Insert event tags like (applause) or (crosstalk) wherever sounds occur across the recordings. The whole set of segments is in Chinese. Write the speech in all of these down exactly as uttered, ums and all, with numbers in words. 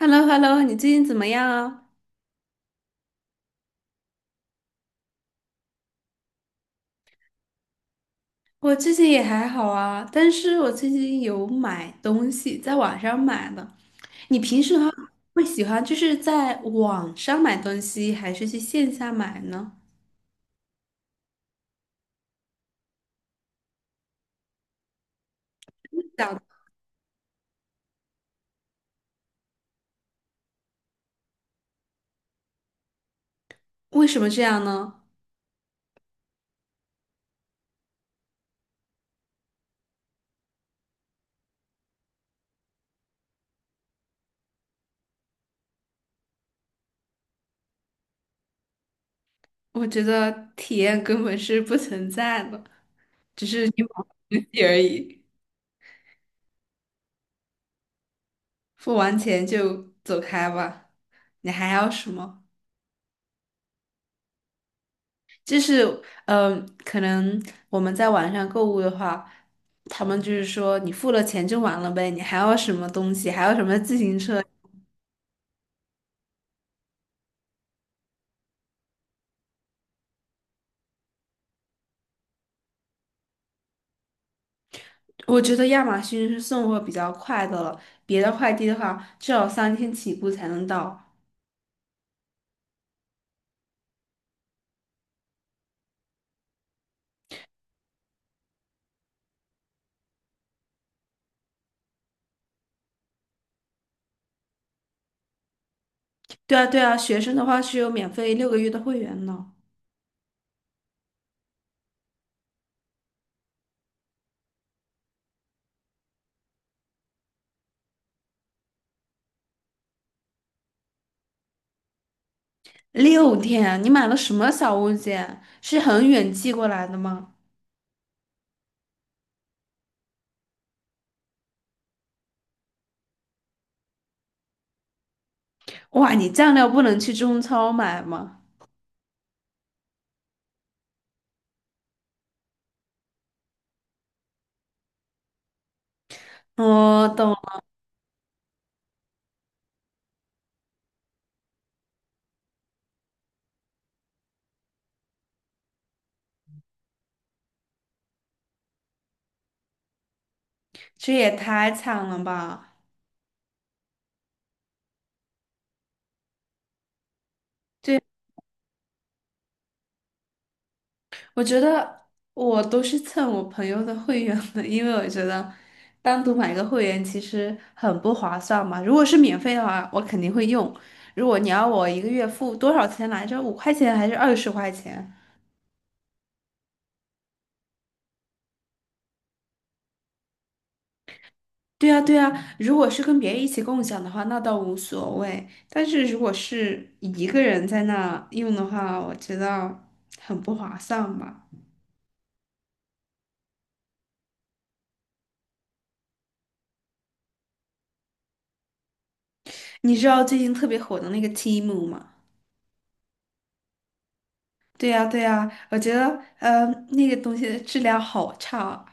h e l l o h e l l o 你最近怎么样啊？我最近也还好啊，但是我最近有买东西，在网上买的。你平时的话会喜欢就是在网上买东西，还是去线下买呢？想为什么这样呢？我觉得体验根本是不存在的，(laughs) 游戏而已，付完钱就走开吧。你还要什么？就是嗯、呃可能我们在网上购物的话，他们就是说你付了钱就完了呗，你还要什么东西，还要什么自行车？我觉得亚马逊是送货比较快的了，别的快递的话至少三天起步才能到。对啊，对啊，学生的话是有免费六个月的会员呢。六天啊，你买了什么小物件？是很远寄过来的吗？哇，你酱料不能去中超买吗？我懂，这也太惨了吧！我觉得我都是蹭我朋友的会员的，因为我觉得单独买一个会员其实很不划算嘛。如果是免费的话，我肯定会用。如果你要我一个月付多少钱来着？五块钱还是二十块钱？对呀，对呀。如果是跟别人一起共享的话，那倒无所谓。但是如果是一个人在那用的话，我觉得很不划算吧。你知道最近特别火的那个 Temu 吗？对呀，对呀，我觉得呃，那个东西的质量好差啊。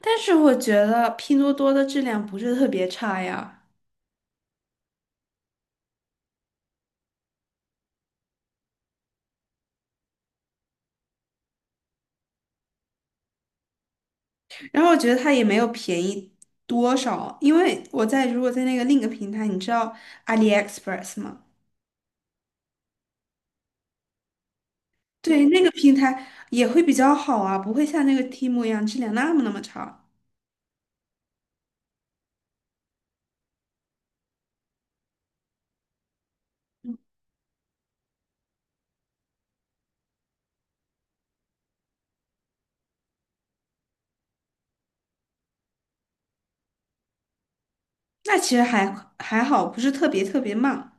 但是我觉得拼多多的质量不是特别差呀，然后我觉得它也没有便宜多少，因为我在如果在那个另一个平台，你知道 A L I express 吗？对，那个平台也会比较好啊，不会像那个 Temu 一样质量那么那么差。那其实还还好，不是特别特别慢。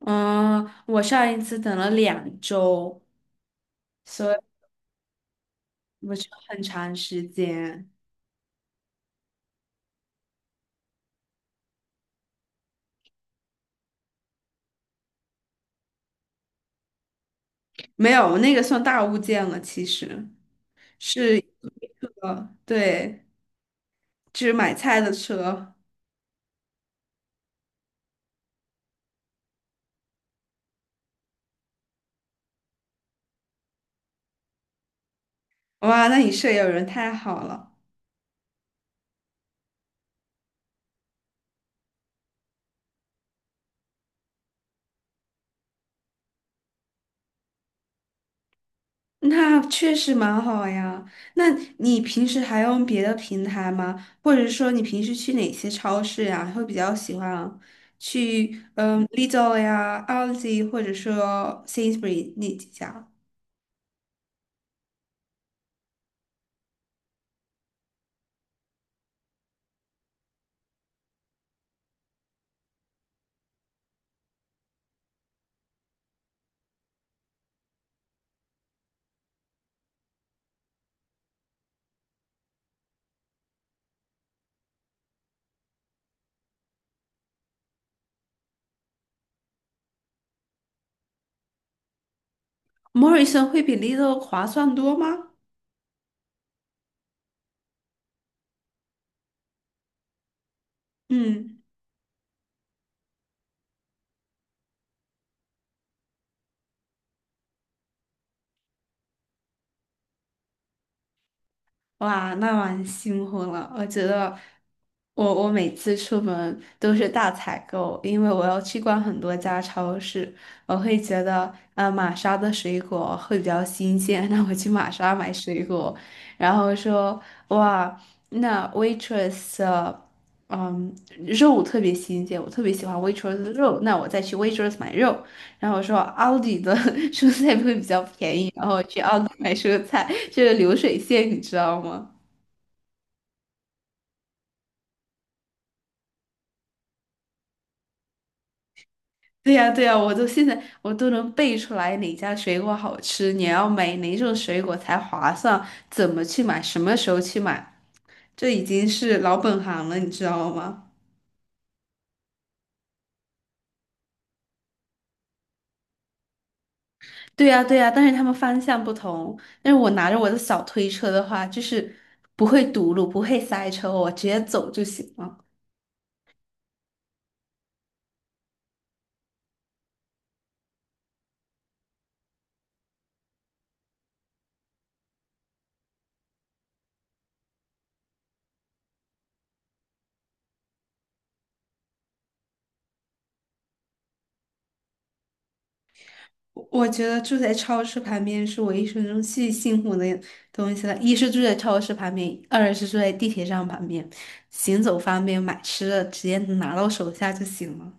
嗯，我上一次等了两周，所以不是很长时间。没有，那个算大物件了，其实是一个，对，就是买菜的车。哇，那你舍友人太好了，那确实蛮好呀。那你平时还用别的平台吗？或者说你平时去哪些超市呀？会比较喜欢去嗯 Lidl 呀、A L D I 或者说 S A I N S B U R Y 那几家？Morrison 会比 Lidl 划算多吗？嗯。哇，那蛮辛苦了。我觉得我我每次出门都是大采购，因为我要去逛很多家超市。我会觉得，呃，玛莎的水果会比较新鲜，那我去玛莎买水果。然后说，哇，那 Waitrose 的嗯，肉特别新鲜，我特别喜欢 Waitrose 的肉，那我再去 Waitrose 买肉。然后我说奥迪的 (laughs) 蔬菜会比较便宜，然后去奥迪买蔬菜，这个流水线你知道吗？对呀，对呀，我都现在我都能背出来哪家水果好吃，你要买哪种水果才划算，怎么去买，什么时候去买，这已经是老本行了，你知道吗？对呀，对呀，但是他们方向不同。但是我拿着我的小推车的话，就是不会堵路，不会塞车，我直接走就行了。我觉得住在超市旁边是我一生中最幸福的东西了。一是住在超市旁边，二是住在地铁站旁边，行走方便，买吃的直接拿到手下就行了。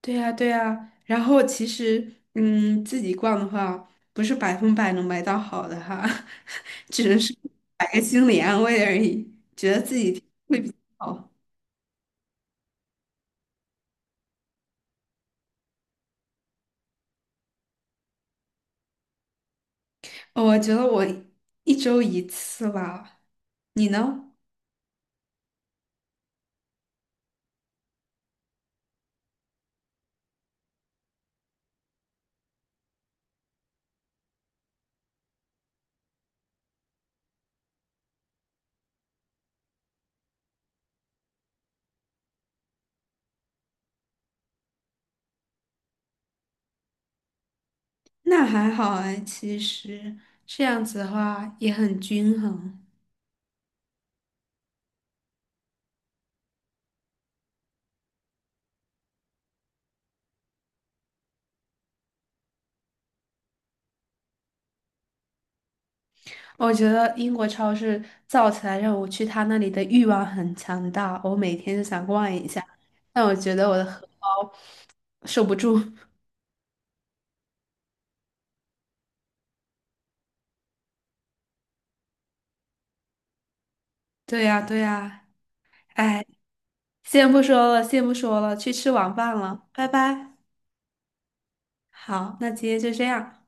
对呀，对呀。然后其实，嗯，自己逛的话，不是百分百能买到好的哈，(laughs) 只能是买个心理安慰而已，觉得自己挺好。我觉得我一周一次吧，你呢？那还好哎，其实这样子的话也很均衡。我觉得英国超市造起来让我去他那里的欲望很强大，我每天就想逛一下，但我觉得我的荷包受不住。(laughs) 对呀，对呀，哎，先不说了，先不说了，去吃晚饭了，拜拜。好，那今天就这样。